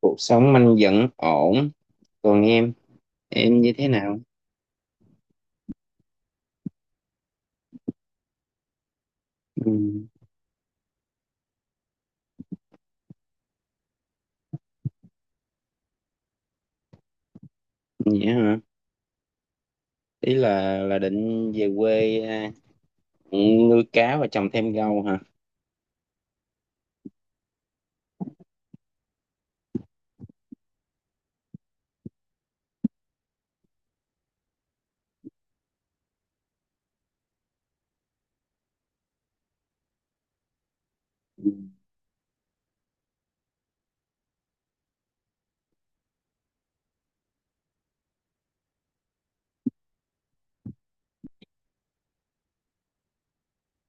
Cuộc sống anh vẫn ổn. Còn em như thế nào? Ừ. Vậy hả? Ý là định về quê à, nuôi cá và trồng thêm rau hả? Ừ.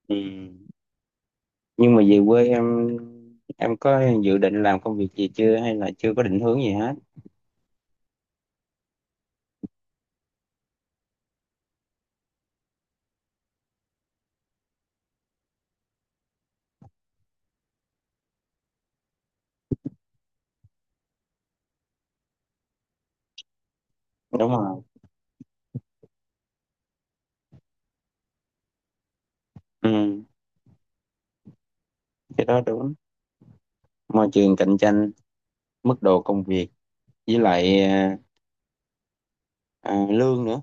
Ừ. Nhưng mà về quê, em có dự định làm công việc gì chưa hay là chưa có định hướng gì hết? Đúng không? Ừ. Cái đó đúng. Môi trường cạnh tranh, mức độ công việc, với lại lương nữa,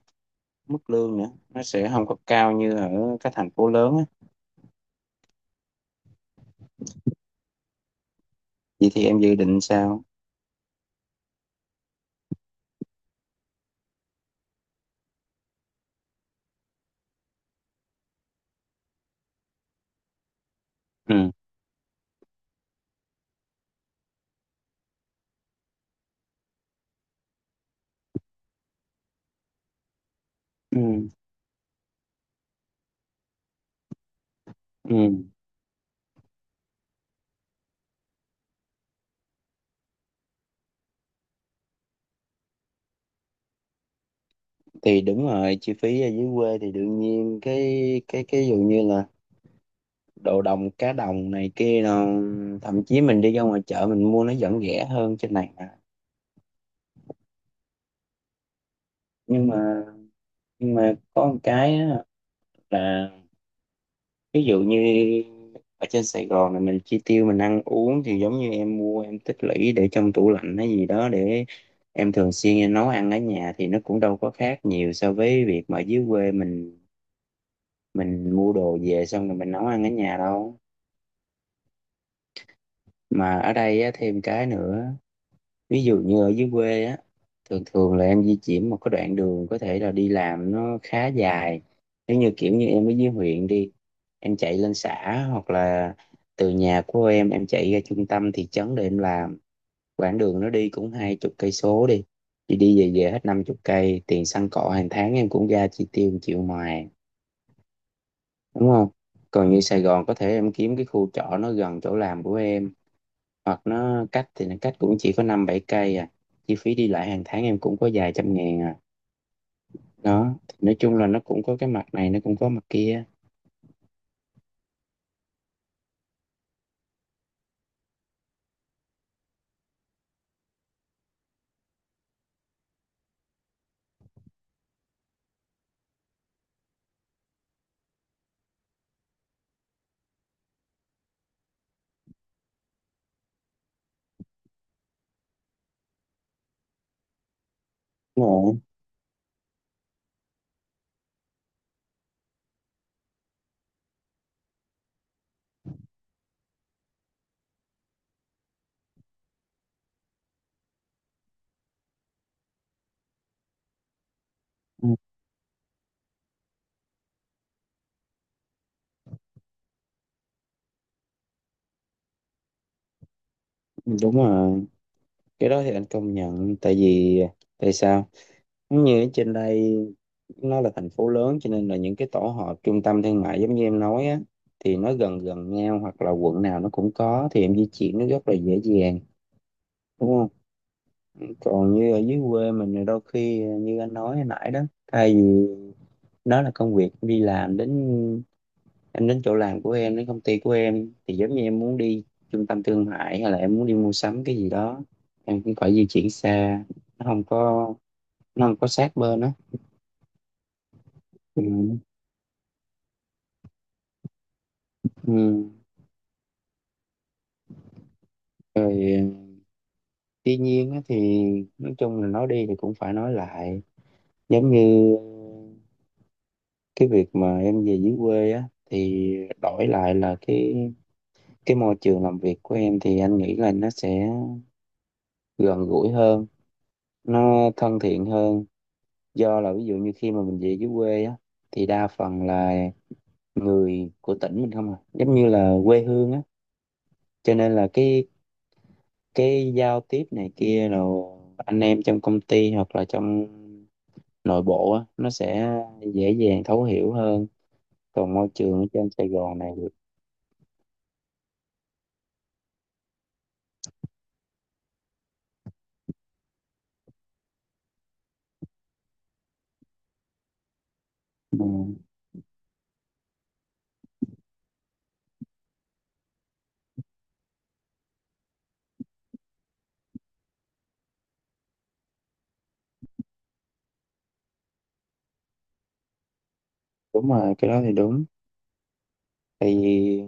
mức lương nữa nó sẽ không có cao như ở các thành phố lớn á. Vậy thì em dự định sao? Ừ. Ừ. Ừ, thì đúng rồi, chi phí ở dưới quê thì đương nhiên cái dụ như là đồ đồng, cá đồng này kia, nó thậm chí mình đi ra ngoài chợ mình mua nó vẫn rẻ hơn trên này mà. nhưng mà nhưng mà có một cái á, là ví dụ như ở trên Sài Gòn này mình chi tiêu, mình ăn uống thì giống như em mua, em tích lũy để trong tủ lạnh hay gì đó, để em thường xuyên em nấu ăn ở nhà thì nó cũng đâu có khác nhiều so với việc mà ở dưới quê mình mua đồ về xong rồi mình nấu ăn ở nhà đâu. Mà ở đây á, thêm cái nữa, ví dụ như ở dưới quê á, thường thường là em di chuyển một cái đoạn đường có thể là đi làm nó khá dài. Nếu như kiểu như em ở dưới huyện đi, em chạy lên xã hoặc là từ nhà của em chạy ra trung tâm thị trấn để em làm, quãng đường nó đi cũng 20 cây số đi, thì đi về về hết 50 cây tiền xăng cọ hàng tháng, em cũng ra chi tiêu 1 triệu ngoài, đúng không? Còn như Sài Gòn có thể em kiếm cái khu trọ nó gần chỗ làm của em, hoặc nó cách thì nó cách cũng chỉ có 5-7 cây à, chi phí đi lại hàng tháng em cũng có vài trăm ngàn à. Đó thì nói chung là nó cũng có cái mặt này, nó cũng có mặt kia. Đúng rồi. Ừ, đúng rồi, cái đó thì anh công nhận. Tại vì tại sao, giống như ở trên đây nó là thành phố lớn cho nên là những cái tổ hợp trung tâm thương mại giống như em nói á, thì nó gần gần nhau hoặc là quận nào nó cũng có, thì em di chuyển nó rất là dễ dàng, đúng không? Còn như ở dưới quê mình thì đôi khi như anh nói hồi nãy đó, thay vì đó là công việc em đi làm đến, em đến chỗ làm của em, đến công ty của em, thì giống như em muốn đi trung tâm thương mại hay là em muốn đi mua sắm cái gì đó, em cũng phải di chuyển xa, nó không có nó không có sát bên á. Ừ. Ừ. Rồi, tuy nhiên á thì nói chung là nói đi thì cũng phải nói lại. Giống như cái việc mà em về dưới quê á thì đổi lại là cái môi trường làm việc của em thì anh nghĩ là nó sẽ gần gũi hơn, nó thân thiện hơn. Do là ví dụ như khi mà mình về dưới quê á thì đa phần là người của tỉnh mình không à, giống như là quê hương á, cho nên là cái giao tiếp này kia, rồi anh em trong công ty hoặc là trong nội bộ á nó sẽ dễ dàng thấu hiểu hơn. Còn môi trường ở trên Sài Gòn này thì đúng rồi, cái đó thì đúng. Thì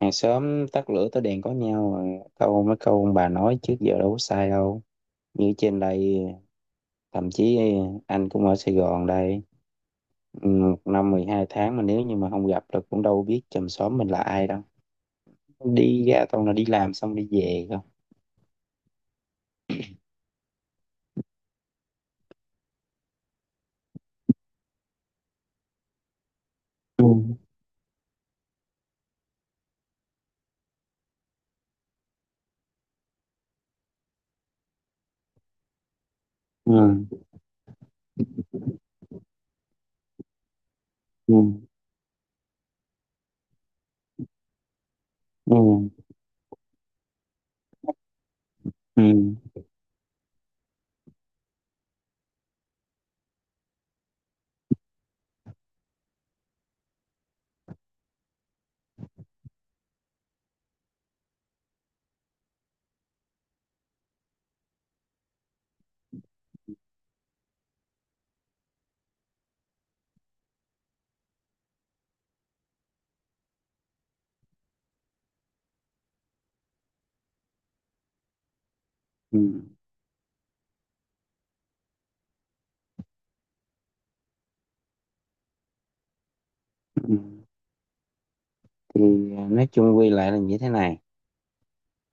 hàng xóm tắt lửa tối đèn có nhau rồi. Câu, mấy câu ông bà nói trước giờ đâu có sai đâu. Như trên đây, thậm chí anh cũng ở Sài Gòn đây. Ừ, một năm 12 tháng mà nếu như mà không gặp được cũng đâu biết chòm xóm mình là ai đâu, đi ra toàn là đi làm xong đi về không. Ừ, ừ, ừ, ừ, ừ, ừ, ừ. Thì nói chung quy lại là như thế này.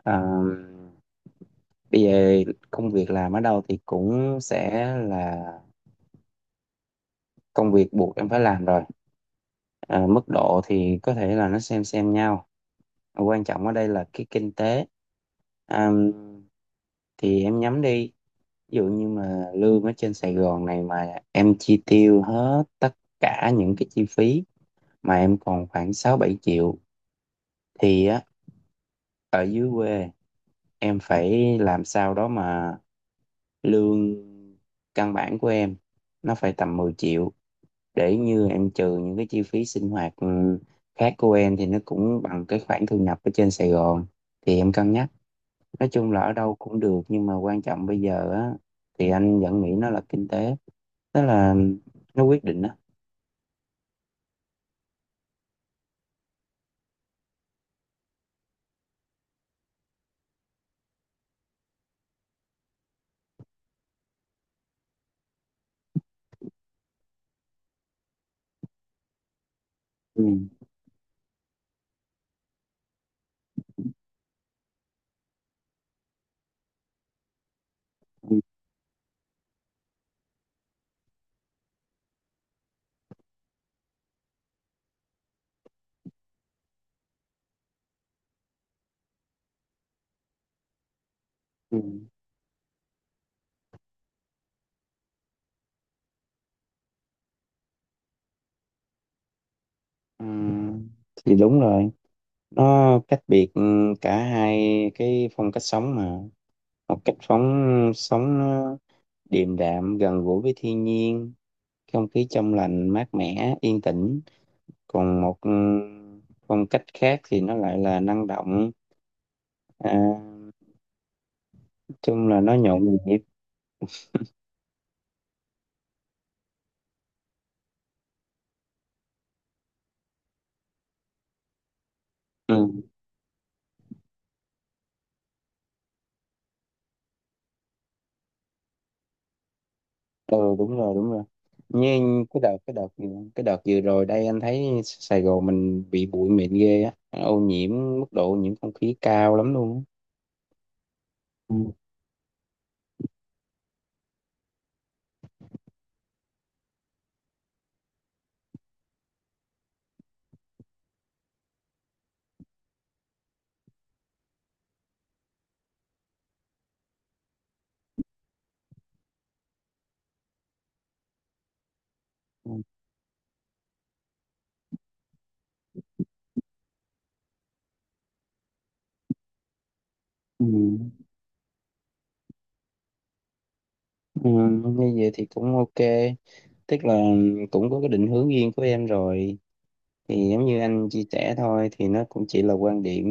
à, Bây giờ công việc làm ở đâu thì cũng sẽ là công việc buộc em phải làm rồi. Mức độ thì có thể là nó xem nhau, quan trọng ở đây là cái kinh tế. à, thì em nhắm đi, ví dụ như mà lương ở trên Sài Gòn này mà em chi tiêu hết tất cả những cái chi phí mà em còn khoảng 6-7 triệu thì á, ở dưới quê em phải làm sao đó mà lương căn bản của em nó phải tầm 10 triệu để như em trừ những cái chi phí sinh hoạt khác của em thì nó cũng bằng cái khoản thu nhập ở trên Sài Gòn, thì em cân nhắc. Nói chung là ở đâu cũng được, nhưng mà quan trọng bây giờ á thì anh vẫn nghĩ nó là kinh tế, tức là nó quyết định. Ừ. Ừ. Ừ. Ừ. Thì đúng rồi, nó cách biệt cả hai cái phong cách sống mà, một cách phóng sống nó điềm đạm, gần gũi với thiên nhiên, không khí trong lành mát mẻ yên tĩnh. Còn một phong cách khác thì nó lại là năng động, à, nói chung là nó nhộn nhịp. Ừ. Ừ, đúng rồi, đúng rồi. Như cái đợt cái đợt cái đợt vừa rồi đây, anh thấy Sài Gòn mình bị bụi mịn ghê á, ô nhiễm, mức độ ô nhiễm không khí cao lắm luôn á. Ừ. Ừ. Ừ. Như vậy thì cũng ok, tức là cũng có cái định hướng riêng của em rồi. Thì giống như anh chia sẻ thôi, thì nó cũng chỉ là quan điểm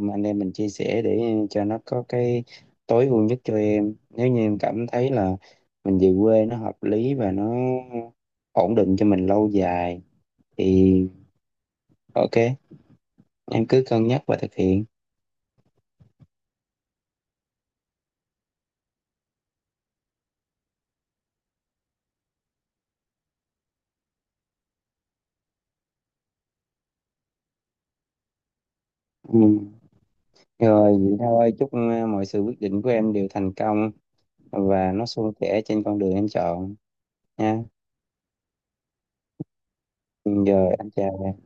mà anh em mình chia sẻ để cho nó có cái tối ưu nhất cho em. Nếu như em cảm thấy là mình về quê nó hợp lý và nó ổn định cho mình lâu dài thì ok, em cứ cân nhắc và thực hiện. Ừ. Rồi vậy thôi, chúc mọi sự quyết định của em đều thành công và nó suôn sẻ trên con đường em chọn nha. Ừ, rồi anh chào.